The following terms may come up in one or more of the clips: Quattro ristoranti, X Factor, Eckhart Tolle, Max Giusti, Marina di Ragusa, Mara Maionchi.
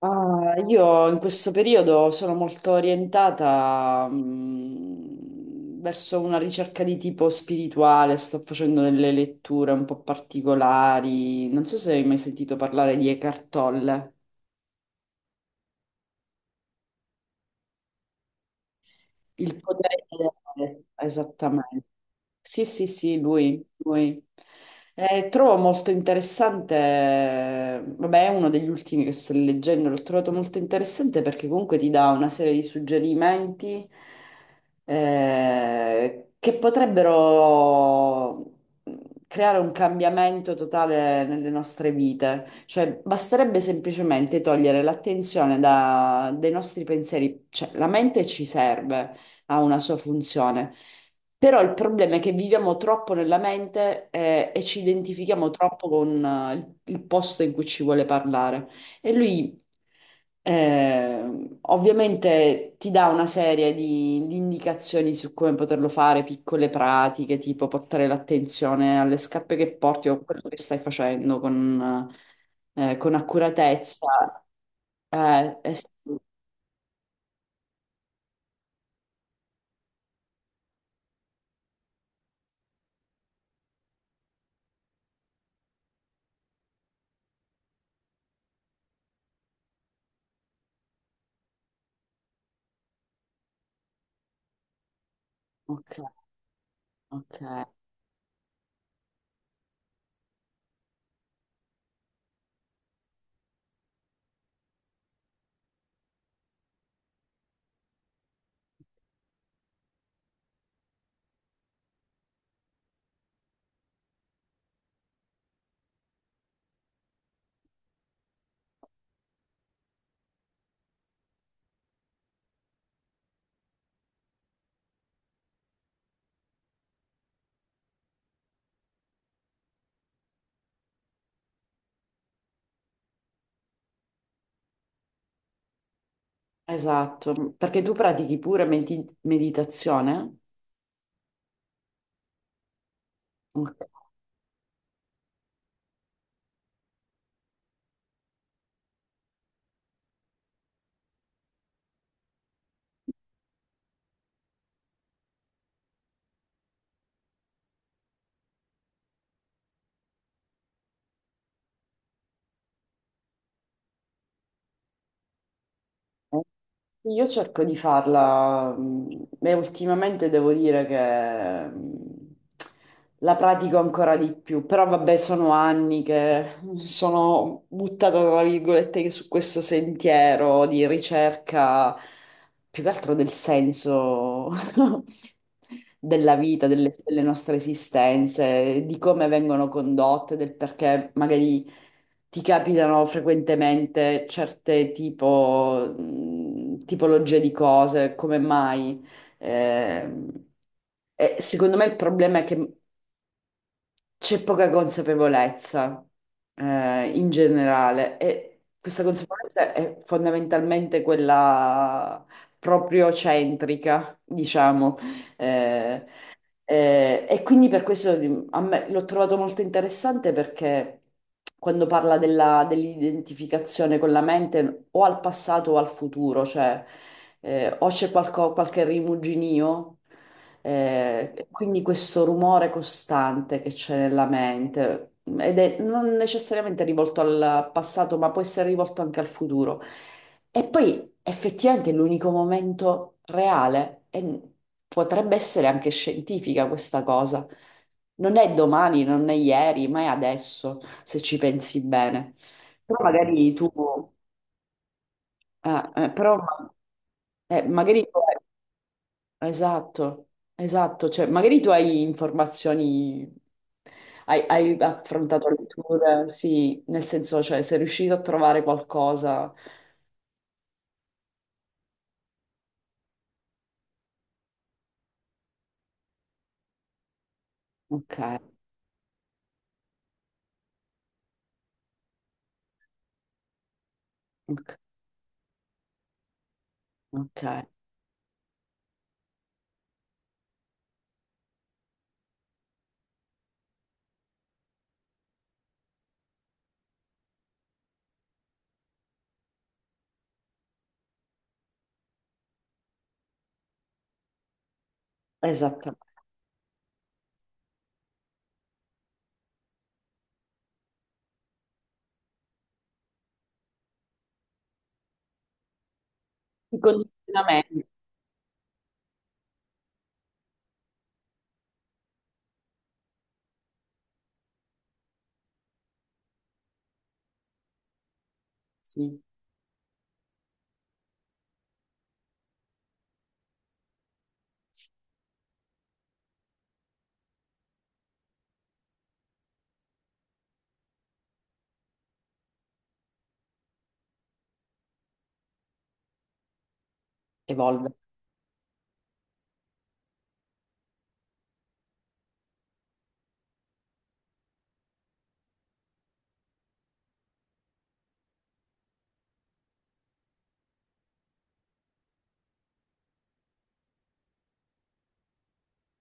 Ah, io in questo periodo sono molto orientata, verso una ricerca di tipo spirituale, sto facendo delle letture un po' particolari. Non so se hai mai sentito parlare di Eckhart Tolle. Il potere ideale, esattamente. Sì, sì, sì, lui. Trovo molto interessante, vabbè, è uno degli ultimi che sto leggendo, l'ho trovato molto interessante perché comunque ti dà una serie di suggerimenti che potrebbero mm, creare un cambiamento totale nelle nostre vite. Cioè, basterebbe semplicemente togliere l'attenzione dai nostri pensieri, cioè la mente ci serve, ha una sua funzione. Però il problema è che viviamo troppo nella mente, e ci identifichiamo troppo con il posto in cui ci vuole parlare. E lui ovviamente ti dà una serie di indicazioni su come poterlo fare, piccole pratiche, tipo portare l'attenzione alle scarpe che porti o a quello che stai facendo con accuratezza. Eh sì, ok, ok. Esatto, perché tu pratichi pure meditazione? Ok. Io cerco di farla, e ultimamente devo dire che la pratico ancora di più, però vabbè sono anni che sono buttata tra virgolette su questo sentiero di ricerca più che altro del senso della vita, delle nostre esistenze, di come vengono condotte, del perché magari ti capitano frequentemente certe tipo, tipologie di cose, come mai. Eh, e secondo me il problema è che c'è poca consapevolezza in generale, e questa consapevolezza è fondamentalmente quella proprio centrica, diciamo. Eh, e quindi per questo a me l'ho trovato molto interessante perché quando parla dell'identificazione con la mente o al passato o al futuro, cioè o c'è qualche rimuginio. Quindi questo rumore costante che c'è nella mente, ed è non necessariamente rivolto al passato, ma può essere rivolto anche al futuro. E poi effettivamente è l'unico momento reale, e potrebbe essere anche scientifica questa cosa. Non è domani, non è ieri, ma è adesso, se ci pensi bene. Però magari tu, però, magari tu, esatto, esatto, cioè magari tu hai informazioni, hai affrontato letture, sì, nel senso, cioè sei riuscito a trovare qualcosa. Ok, ok, ok, esattamente. Il condizionamento, sì, evolve,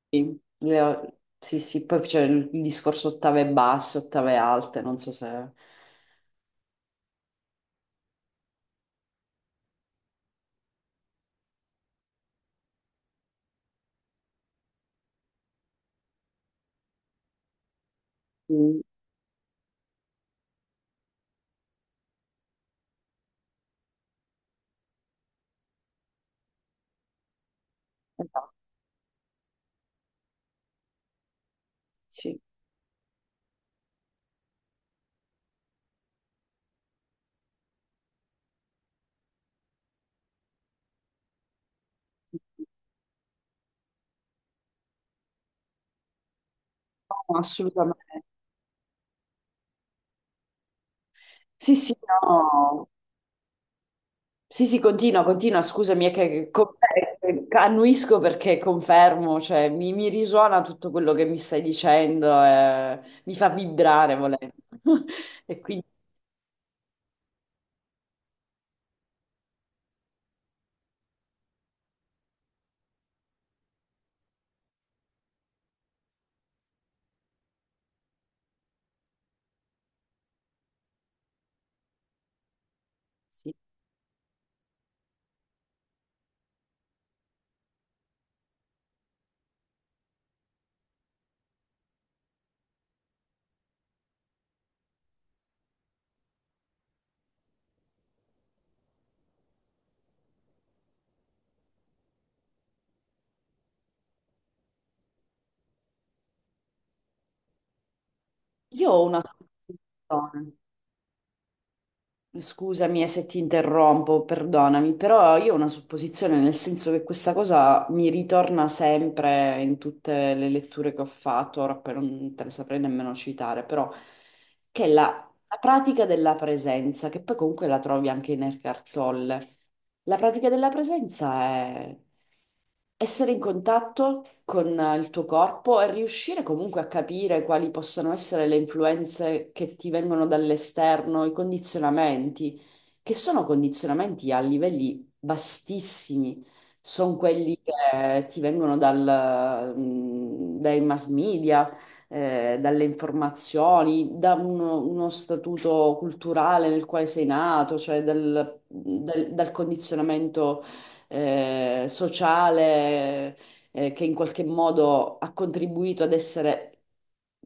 sì, sì, sì, poi c'è il discorso ottave basse, ottave alte, non so se... Mm, esatto, sì. No, assolutamente. Sì, sì, no. Sì, sì, continua, continua, scusami, è che annuisco perché confermo, cioè mi risuona tutto quello che mi stai dicendo, mi fa vibrare volendo. E quindi sì. Io ho una soluzione. Scusami, se ti interrompo, perdonami, però io ho una supposizione, nel senso che questa cosa mi ritorna sempre in tutte le letture che ho fatto, ora poi non te le saprei nemmeno citare, però che è la, la pratica della presenza, che poi comunque la trovi anche in Eckhart Tolle, la pratica della presenza è essere in contatto con il tuo corpo e riuscire comunque a capire quali possano essere le influenze che ti vengono dall'esterno, i condizionamenti, che sono condizionamenti a livelli vastissimi, sono quelli che ti vengono dal, dai mass media, dalle informazioni, da uno statuto culturale nel quale sei nato, cioè dal dal condizionamento sociale, che in qualche modo ha contribuito ad essere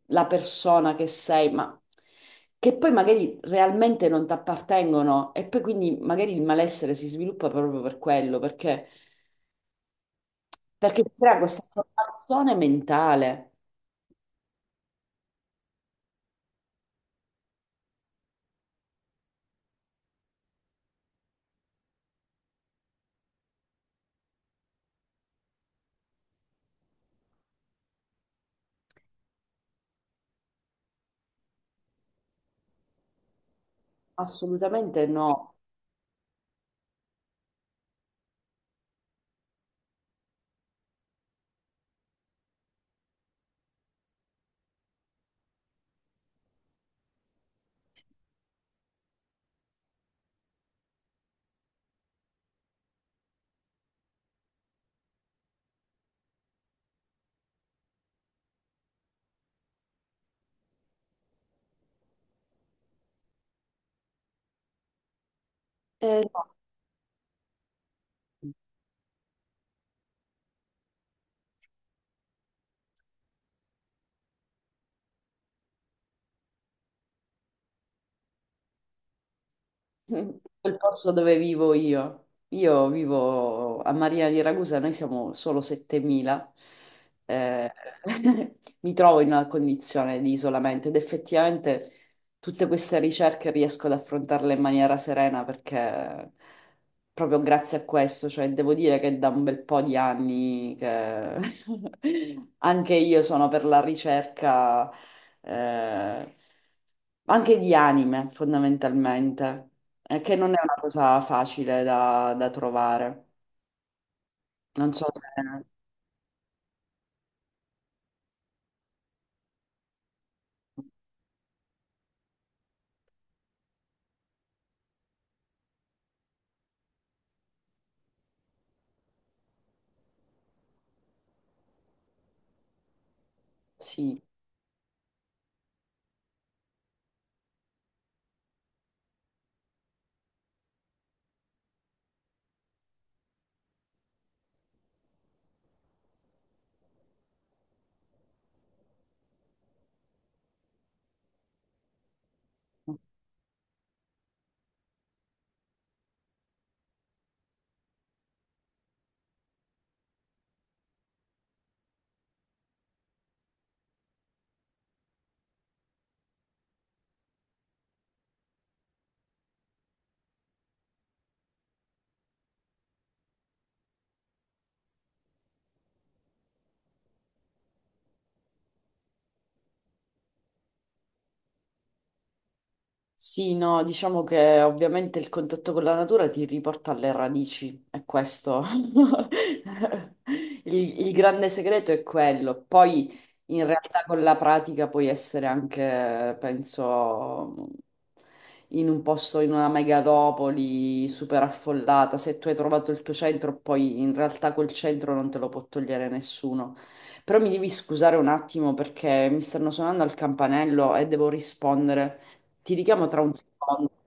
la persona che sei, ma che poi magari realmente non ti appartengono e poi quindi magari il malessere si sviluppa proprio per quello, perché, perché si crea questa formazione mentale. Assolutamente no. Eh, no. Quel posto dove vivo io. Io vivo a Marina di Ragusa, noi siamo solo 7.000. Eh, mi trovo in una condizione di isolamento ed effettivamente tutte queste ricerche riesco ad affrontarle in maniera serena perché proprio grazie a questo, cioè devo dire che da un bel po' di anni che anche io sono per la ricerca, eh, anche di anime fondamentalmente, che non è una cosa facile da, da trovare. Non so se... Sì. Sì, no, diciamo che ovviamente il contatto con la natura ti riporta alle radici, è questo. Il grande segreto è quello. Poi in realtà con la pratica puoi essere anche, penso, in un posto, in una megalopoli super affollata. Se tu hai trovato il tuo centro, poi in realtà quel centro non te lo può togliere nessuno. Però mi devi scusare un attimo perché mi stanno suonando al campanello e devo rispondere. Ti richiamo tra un secondo.